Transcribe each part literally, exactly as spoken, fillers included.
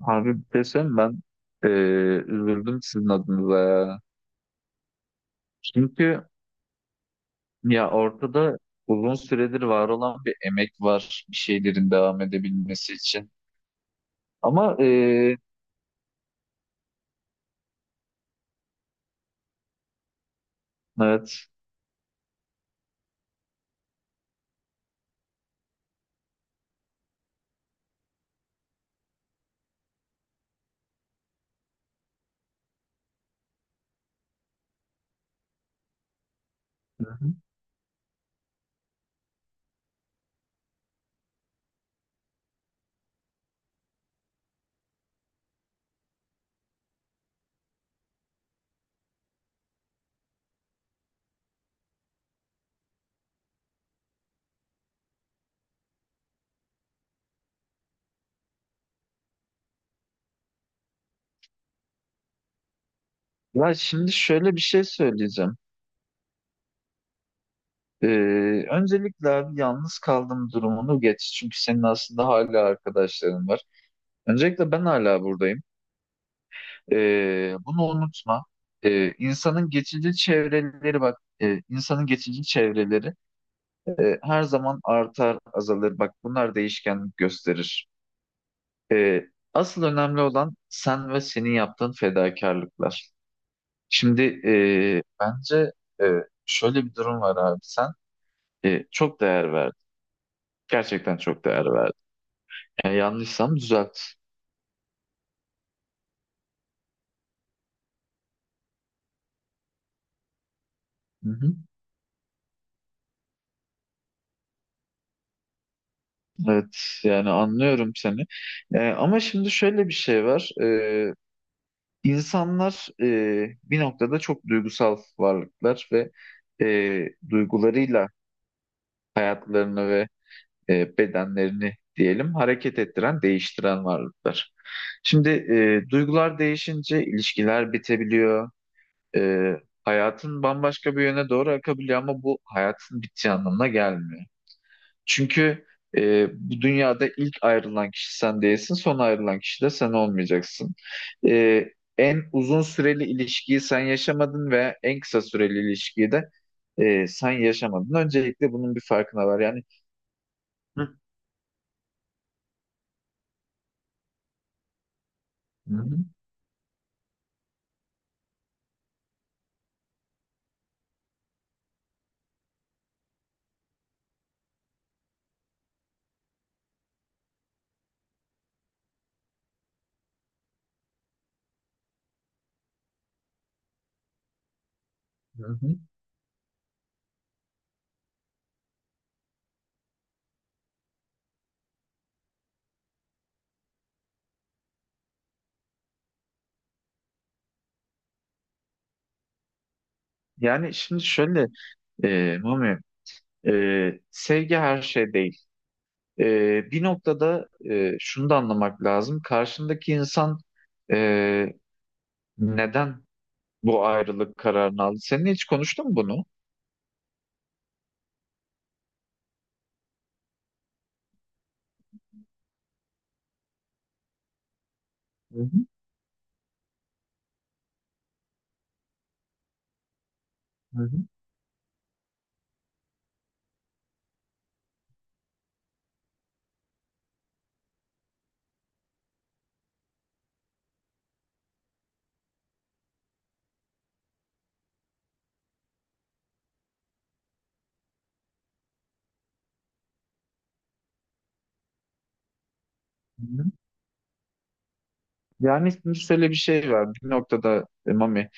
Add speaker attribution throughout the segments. Speaker 1: Abi bir şey söyleyeyim mi? ben eee, üzüldüm sizin adınıza ya. Çünkü ya ortada uzun süredir var olan bir emek var bir şeylerin devam edebilmesi için. Ama eee, evet. Hı hı. Ya şimdi şöyle bir şey söyleyeceğim. Eee, öncelikle abi yalnız kaldığım durumunu geç. Çünkü senin aslında hala arkadaşların var. Öncelikle ben hala buradayım. Eee, bunu unutma. Eee, insanın geçici çevreleri bak. eee, insanın geçici çevreleri E, her zaman artar, azalır. Bak bunlar değişkenlik gösterir. E, Asıl önemli olan sen ve senin yaptığın fedakarlıklar. Şimdi e, bence e, şöyle bir durum var abi. Sen e, çok değer verdin. Gerçekten çok değer verdin. Yani yanlışsam düzelt. Hı hı. Evet, yani anlıyorum seni. E, ama şimdi şöyle bir şey var. E, insanlar e, bir noktada çok duygusal varlıklar ve e, duygularıyla hayatlarını ve e, bedenlerini diyelim hareket ettiren, değiştiren varlıklar. Şimdi e, duygular değişince ilişkiler bitebiliyor. E, Hayatın bambaşka bir yöne doğru akabiliyor ama bu hayatın bittiği anlamına gelmiyor. Çünkü e, bu dünyada ilk ayrılan kişi sen değilsin, son ayrılan kişi de sen olmayacaksın. E, En uzun süreli ilişkiyi sen yaşamadın ve en kısa süreli ilişkiyi de e, sen yaşamadın. Öncelikle bunun bir farkına var. Yani. Hı. Hı hı, hı hı. Yani şimdi şöyle e, Mami, e, sevgi her şey değil. E, bir noktada e, şunu da anlamak lazım. Karşındaki insan e, neden bu ayrılık kararını aldı? Seninle hiç konuştun mu bunu? Hı hı, hı hı, hı hı. Yani şimdi şöyle bir şey var. Bir noktada e, Mami,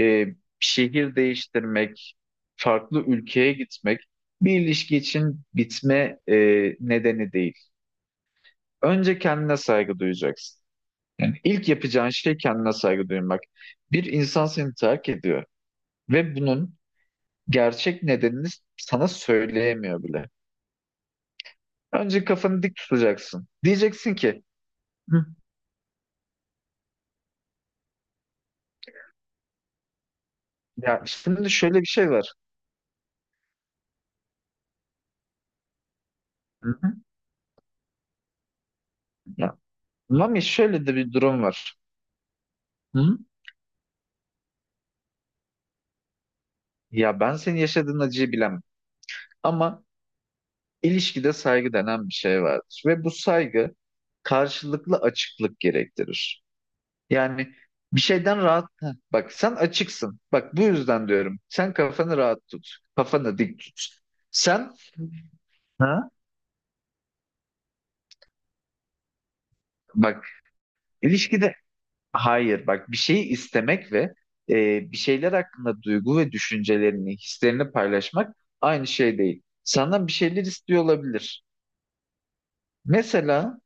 Speaker 1: e, şehir değiştirmek, farklı ülkeye gitmek bir ilişki için bitme e, nedeni değil. Önce kendine saygı duyacaksın. Yani ilk yapacağın şey kendine saygı duymak. Bir insan seni terk ediyor ve bunun gerçek nedenini sana söyleyemiyor bile. Önce kafanı dik tutacaksın. Diyeceksin ki. Hı. Ya şimdi şöyle bir şey var. Hı hı. Ya, Mami şöyle de bir durum var. Hı? Ya ben senin yaşadığın acıyı bilemem. Ama ilişkide saygı denen bir şey vardır. Ve bu saygı karşılıklı açıklık gerektirir. Yani bir şeyden rahat. Heh, bak sen açıksın. Bak bu yüzden diyorum. Sen kafanı rahat tut. Kafanı dik tut. Sen, ha? Bak ilişkide hayır bak bir şeyi istemek ve e, bir şeyler hakkında duygu ve düşüncelerini, hislerini paylaşmak aynı şey değil. Senden bir şeyler istiyor olabilir. Mesela.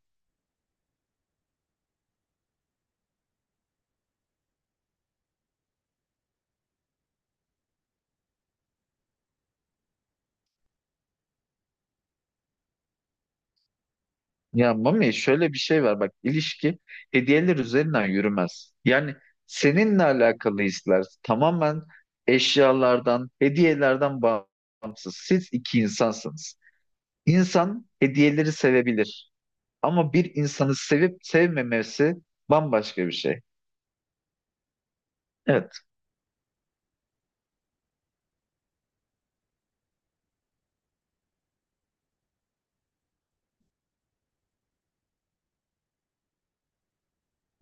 Speaker 1: Ya Mami, şöyle bir şey var, bak ilişki hediyeler üzerinden yürümez. Yani seninle alakalı hisler tamamen eşyalardan, hediyelerden bağımsız. Siz iki insansınız. İnsan hediyeleri sevebilir ama bir insanı sevip sevmemesi bambaşka bir şey. Evet.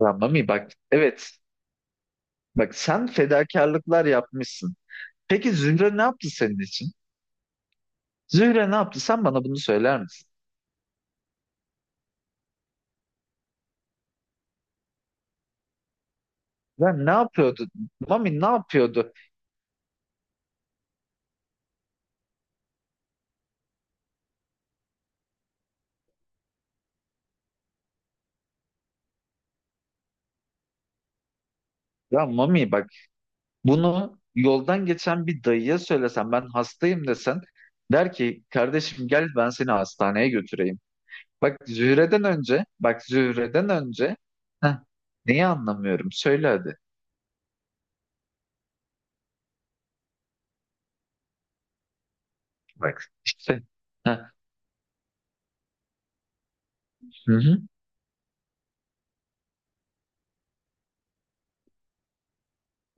Speaker 1: Ya Mami, bak evet, bak sen fedakarlıklar yapmışsın. Peki Zühre ne yaptı senin için? Zühre ne yaptı? Sen bana bunu söyler misin? Ben ne yapıyordu? Mami ne yapıyordu? Ya Mami bak, bunu yoldan geçen bir dayıya söylesen, ben hastayım desen, der ki kardeşim gel ben seni hastaneye götüreyim. Bak Zühre'den önce, bak Zühre'den önce. Heh, neyi anlamıyorum söyle hadi. Bak işte. Heh, hı hı.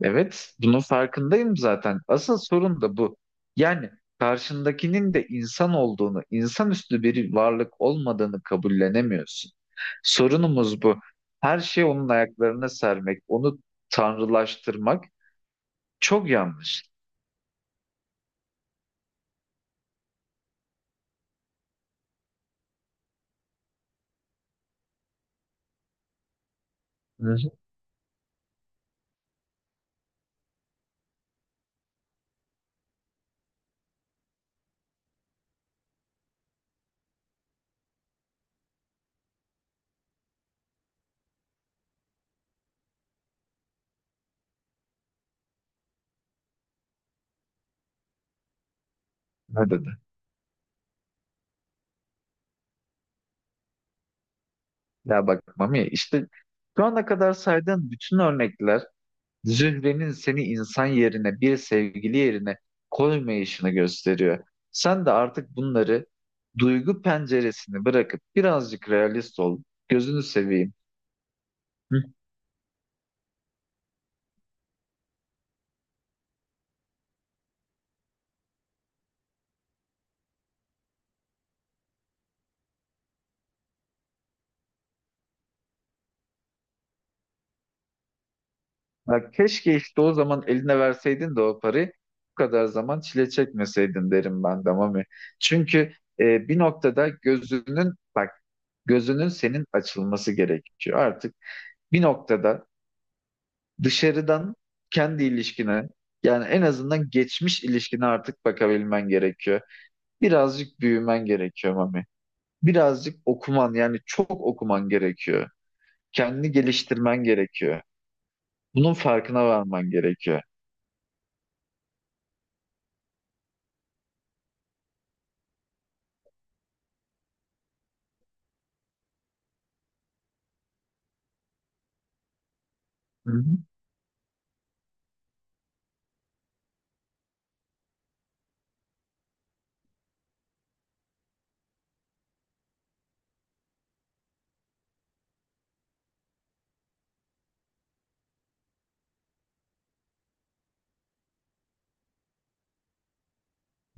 Speaker 1: Evet, bunun farkındayım zaten. Asıl sorun da bu. Yani karşındakinin de insan olduğunu, insanüstü bir varlık olmadığını kabullenemiyorsun. Sorunumuz bu. Her şeyi onun ayaklarına sermek, onu tanrılaştırmak çok yanlış. Hı hı. Ne dedi? Ya bak Mami, işte şu ana kadar saydığın bütün örnekler Zühre'nin seni insan yerine, bir sevgili yerine koymayışını gösteriyor. Sen de artık bunları duygu penceresini bırakıp birazcık realist ol. Gözünü seveyim. Hı. Ya keşke işte o zaman eline verseydin de o parayı bu kadar zaman çile çekmeseydin derim ben de Mami. Çünkü e, bir noktada gözünün bak gözünün senin açılması gerekiyor. Artık bir noktada dışarıdan kendi ilişkine yani en azından geçmiş ilişkine artık bakabilmen gerekiyor. Birazcık büyümen gerekiyor Mami. Birazcık okuman, yani çok okuman gerekiyor. Kendini geliştirmen gerekiyor. Bunun farkına varman gerekiyor. Hı hı.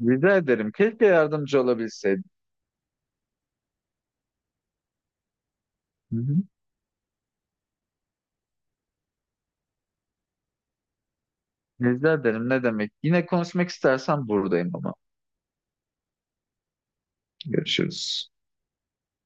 Speaker 1: Rica ederim. Keşke yardımcı olabilseydim. Hı hı. Rica ederim. Ne demek? Yine konuşmak istersen buradayım ama. Görüşürüz.